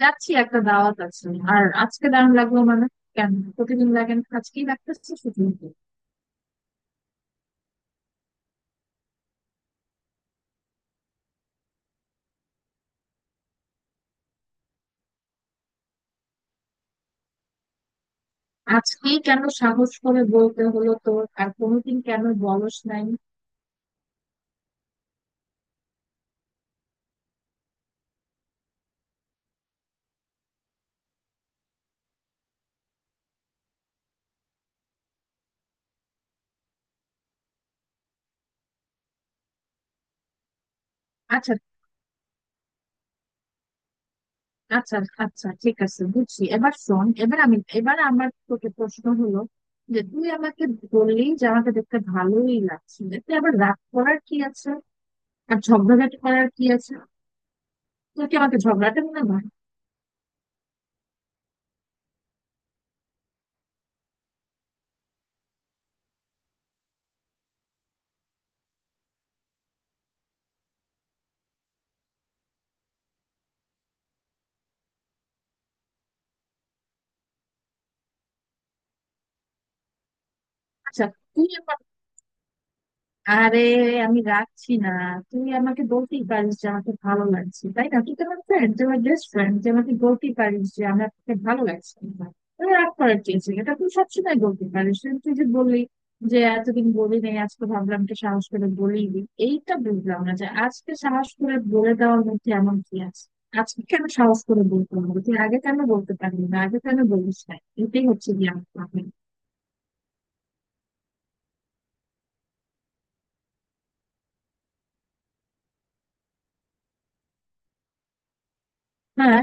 যাচ্ছি, একটা দাওয়াত আছে। আর আজকে দারুণ লাগলো কেন, প্রতিদিন লাগেন? আজকেই লাগতেছে শুধু? আজকেই কেন সাহস করে বলতে হলো তোর? আর কোনোদিন কেন বলস নাই? আচ্ছা, আচ্ছা, আচ্ছা, ঠিক আছে, বুঝছি। এবার শোন, এবার আমি, এবার আমার তোকে প্রশ্ন হলো যে তুই আমাকে বললি যে আমাকে দেখতে ভালোই লাগছে, এতে আবার রাগ করার কি আছে? আর ঝগড়াঝাটি করার কি আছে? তুই কি আমাকে ঝগড়াটা মনে হয়? আচ্ছা, তুই আমার, আরে আমি রাখছি না। তুই আমাকে বলতেই পারিস যে আমাকে ভালো লাগছে, তাই না? তুই তো আমার ফ্রেন্ড, তুই আমার বেস্ট ফ্রেন্ড, তুই আমাকে বলতেই পারিস যে আমার তোকে ভালো লাগছে না। তুই রাগ করার চেয়েছিলি, এটা তুই সবসময় বলতে পারিস। কিন্তু তুই যে বললি যে এতদিন বলি নাই, আজকে ভাবলাম তো সাহস করে বলেই দিই, এইটা বুঝলাম না যে আজকে সাহস করে বলে দেওয়ার মধ্যে এমন কি আছে। আজকে কেন সাহস করে বলতে হবে? তুই আগে কেন বলতে পারলি না? আগে কেন বলিস না? এটাই হচ্ছে গিয়ে আমার problem। হ্যাঁ।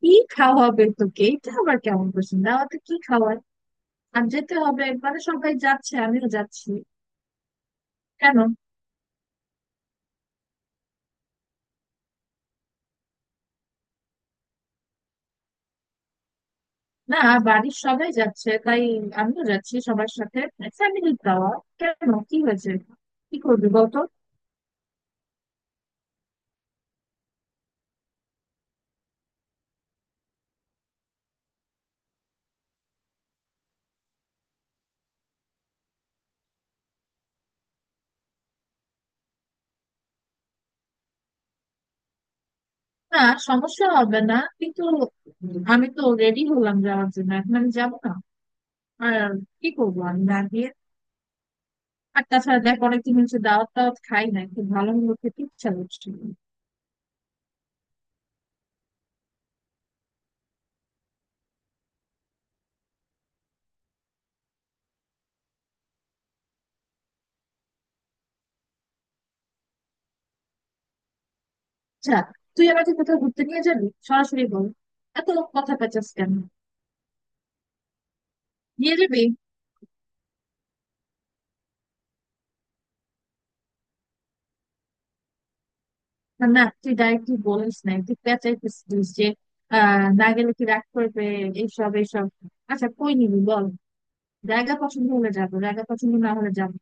কি খাওয়াবে তোকে, এটা আবার কেমন প্রশ্ন? দাওয়াতে কি খাওয়ায়? আর যেতে হবে সবাই যাচ্ছে, আমিও যাচ্ছি। কেন? না, বাড়ির সবাই যাচ্ছে, তাই আমিও যাচ্ছি সবার সাথে। ফ্যামিলি খাওয়া। কেন, কি হয়েছে? কি করবি বলতো? না, সমস্যা হবে না, কিন্তু আমি তো রেডি হলাম যাওয়ার জন্য, এখন আমি যাবো না। আর কি করবো আমি না গিয়ে? আর তাছাড়া দেখ, অনেকদিন হচ্ছে দাওয়াত টাওয়াত খাই না, খুব ভালো মন্দ খেতে ইচ্ছা করছিল। আচ্ছা, তুই আমাকে কোথাও ঘুরতে নিয়ে যাবি? সরাসরি বল, এত কথা পেঁচাস কেন? নিয়ে যাবি? না না, তুই ডাইরেক্টলি বলিস নাই, তুই পেঁচাইতেছিস যে আহ, না গেলে কি রাগ করবে, এইসব এইসব। আচ্ছা, কই নিবি বল। জায়গা পছন্দ হলে যাবো, জায়গা পছন্দ না হলে যাবো।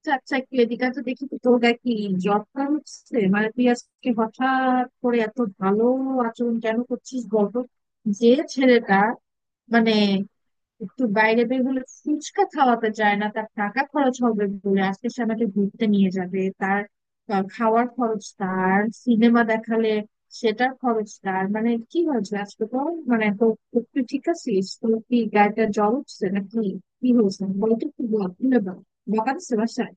আচ্ছা আচ্ছা, একটু এদিকে তো দেখি তো, তোর গায়ে কি জব হচ্ছে? তুই আজকে হঠাৎ করে এত ভালো আচরণ কেন করছিস বলতো? যে ছেলেটা মানে একটু বাইরে বের হলে ফুচকা খাওয়াতে চায় না তার টাকা খরচ হবে বলে, আজকে সে আমাকে ঘুরতে নিয়ে যাবে, তার আহ, খাওয়ার খরচ তার, সিনেমা দেখালে সেটার খরচ তার, কি হয়েছে আজকে তো, মানে তো তো তুই ঠিক আছিস? তোর কি গাড়িটা জ্বর উঠছে নাকি? কি হয়েছে বলে তো, একটু বল, খুলে বল। বকা দিচ্ছে বাসায়?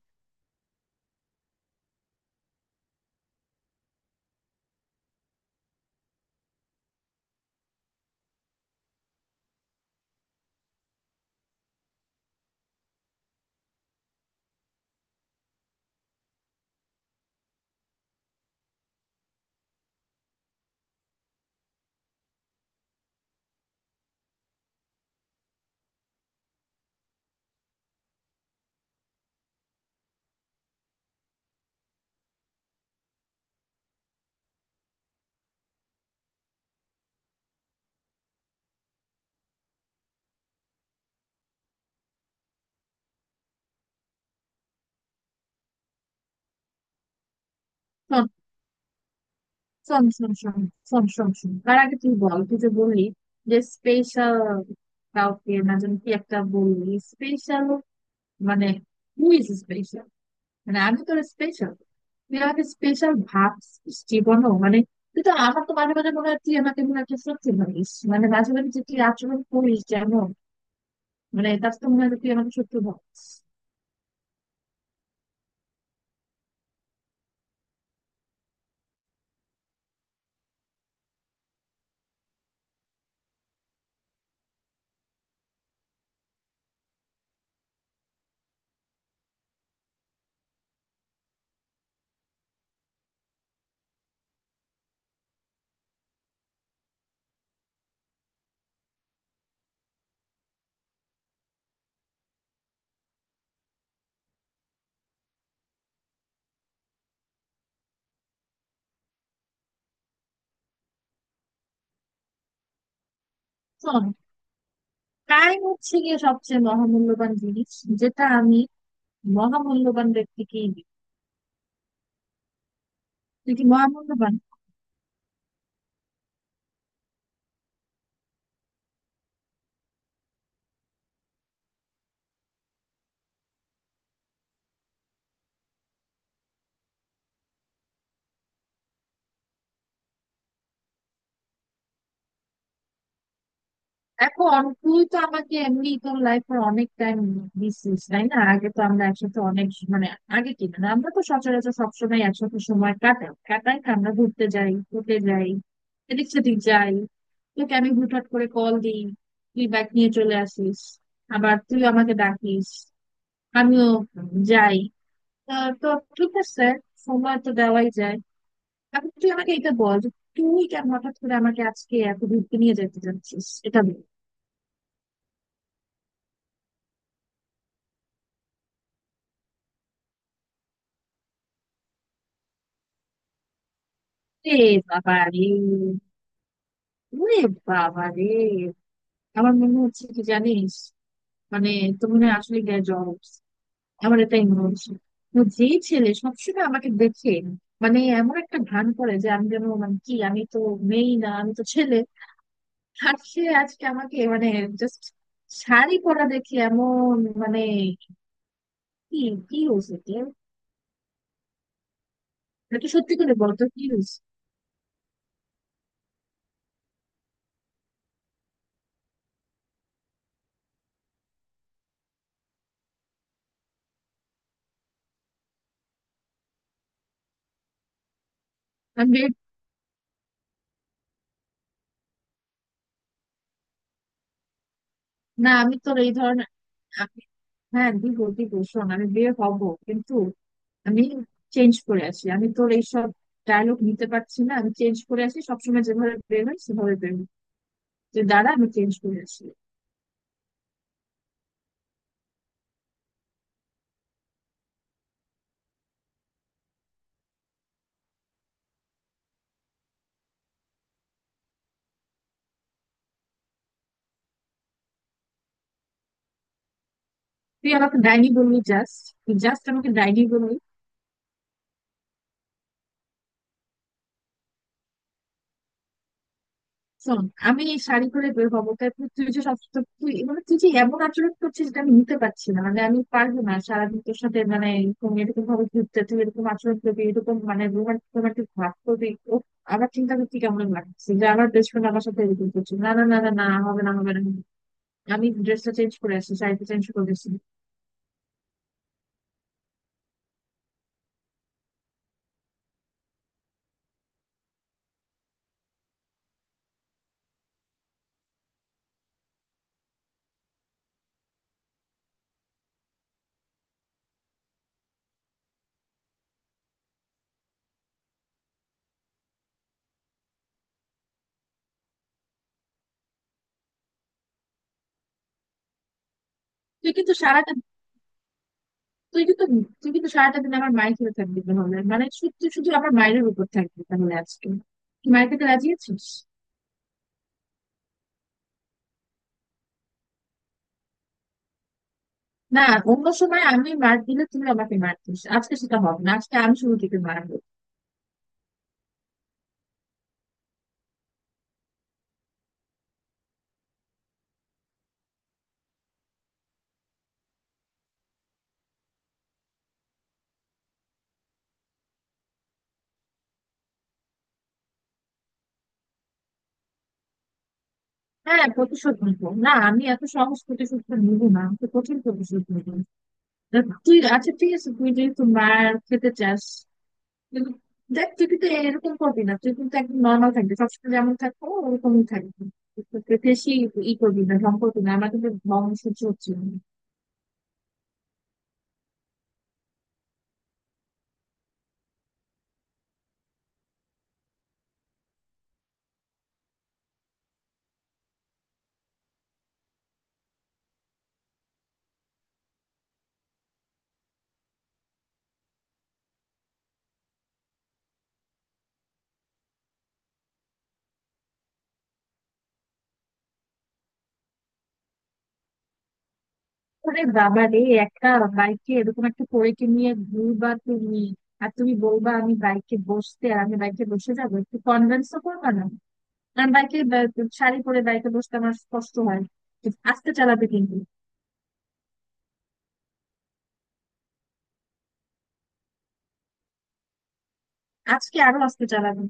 শোন শোন শোন শোন শোন শোন শোন তার আগে তুই বল, তুই যে বললি যে স্পেশাল কাউকে, না যেন কি একটা বললি স্পেশাল, মানে হু ইজ, আমি তোর স্পেশাল? তুই আমাকে স্পেশাল ভাবছিস জীবনও তুই তো আমার, তো মাঝে মাঝে মনে হয় তুই আমাকে, মনে হয় তুই শত্রু ভাবিস, মাঝে মাঝে যে তুই আচরণ করিস যেমন, তার তো মনে হয় যে তুই আমাকে শত্রু ভাবিস। শোন, টাইম হচ্ছে গিয়ে সবচেয়ে মহামূল্যবান জিনিস, যেটা আমি মহামূল্যবান ব্যক্তিকেই দিই। তুই কি মহামূল্যবান? এখন তুই তো আমাকে এমনি তোর লাইফে অনেক টাইম দিছিস, তাই না? আগে তো আমরা একসাথে অনেক স- মানে আগে কি না আমরা তো সচরাচর সবসময় একসাথে সময় কাটাই, কাটাই না? আমরা ঘুরতে যাই, ঘুরতে যাই, এদিক সেদিক যাই। তোকে আমি হুটহাট করে কল দিই, তুই ব্যাগ নিয়ে চলে আসিস। আবার তুই আমাকে ডাকিস, আমিও যাই। তা তো ঠিক আছে, সময় তো দেওয়াই যায়। এখন তুই আমাকে এটা বল যে তুই কেন হঠাৎ করে আমাকে আজকে এত ঘুরতে নিয়ে যেতে চাচ্ছিস, এটা বল। রে বাবা রে, ওরে বাবা রে! আমার মনে হচ্ছে কি জানিস, মানে তুমি না আসলে গ্যা জবস, আমার এটাই মনে হচ্ছে। তো যেই ছেলে সবসময় আমাকে দেখে এমন একটা ভান করে যে আমি যেন, কি আমি তো মেয়ে না, আমি তো ছেলে। আর সে আজকে আমাকে জাস্ট শাড়ি পরা দেখে এমন, মানে কি, কি হয়েছে কি? একটু সত্যি করে বলতো কি হয়েছে? আমি বের- না আমি তোর এই ধরনের আমি- হ্যাঁ দিব দিব, শোন আমি বিয়ে হব, কিন্তু আমি চেঞ্জ করে আসি। আমি তোর এইসব ডায়লগ নিতে পারছি না, আমি চেঞ্জ করে আসি। সবসময় যেভাবে বের হয় সেভাবে বের হয়, যে দাঁড়া আমি চেঞ্জ করে আসি। তুই আমাকে ডাইনি বললি? জাস্ট তুই জাস্ট আমাকে ডাইনি বললি? শোন, আমি এই শাড়ি করে বের হবো, তারপর তুই তুই যে সব তো তুই, তুই যে এমন আচরণ করছিস যেটা আমি নিতে পারছি না, আমি পারবো না সারাদিন তোর সাথে এরকম এরকম ভাবে ঘুরতে, তুই এরকম আচরণ করবি, এরকম রোমান্টিক রোমান্টিক ভাব করবি ও আমার চিন্তা করতে কেমন লাগছে যে আমার বেস্ট ফ্রেন্ড আমার সাথে এরকম করছে! না না না না না, হবে না, হবে না, আমি ড্রেসটা চেঞ্জ করে আসছি, শাড়িটা চেঞ্জ করে আসছি। তুই কিন্তু সারাটা তুই কিন্তু তুই কিন্তু সারাটা দিন আমার মায়ের খেয়ে থাকবি তাহলে, শুধু শুধু আমার মায়ের উপর থাকবি তাহলে আজকে, তুই মায়ের খেতে রাজি আছিস? না, অন্য সময় আমি মার দিলে তুমি আমাকে মারতিস, আজকে সেটা হবে না, আজকে আমি শুরু থেকে মারবো। হ্যাঁ, প্রতিশোধ নিবো, না আমি এত সহজ প্রতিশোধ নিবো না, তো কঠিন প্রতিশোধ নিবো। তা তুই, আচ্ছা ঠিক আছে, তুই যেহেতু মার খেতে চাস, কিন্তু দেখ তুই কিন্তু এরকম করবি না, তুই কিন্তু একদম নর্মাল থাকবি, সবসময় যেমন থাকবো ওরকমই থাকবি। তুই তোকে বেশি ই করবি না, ঢং করবি না, আমার কিন্তু ঢং সহ্য হচ্ছে না। আরে বাবা রে, একটা বাইকে এরকম একটা পরীকে নিয়ে ঘুরবা তুমি, আর তুমি বলবা আমি বাইকে বসতে আর আমি বাইকে বসে যাবো, একটু কনভিন্স তো করবা না? কারণ বাইকে শাড়ি পরে বাইকে বসতে আমার কষ্ট হয়, আস্তে চালাবে কিন্তু। আজকে আরো আস্তে চালাবে।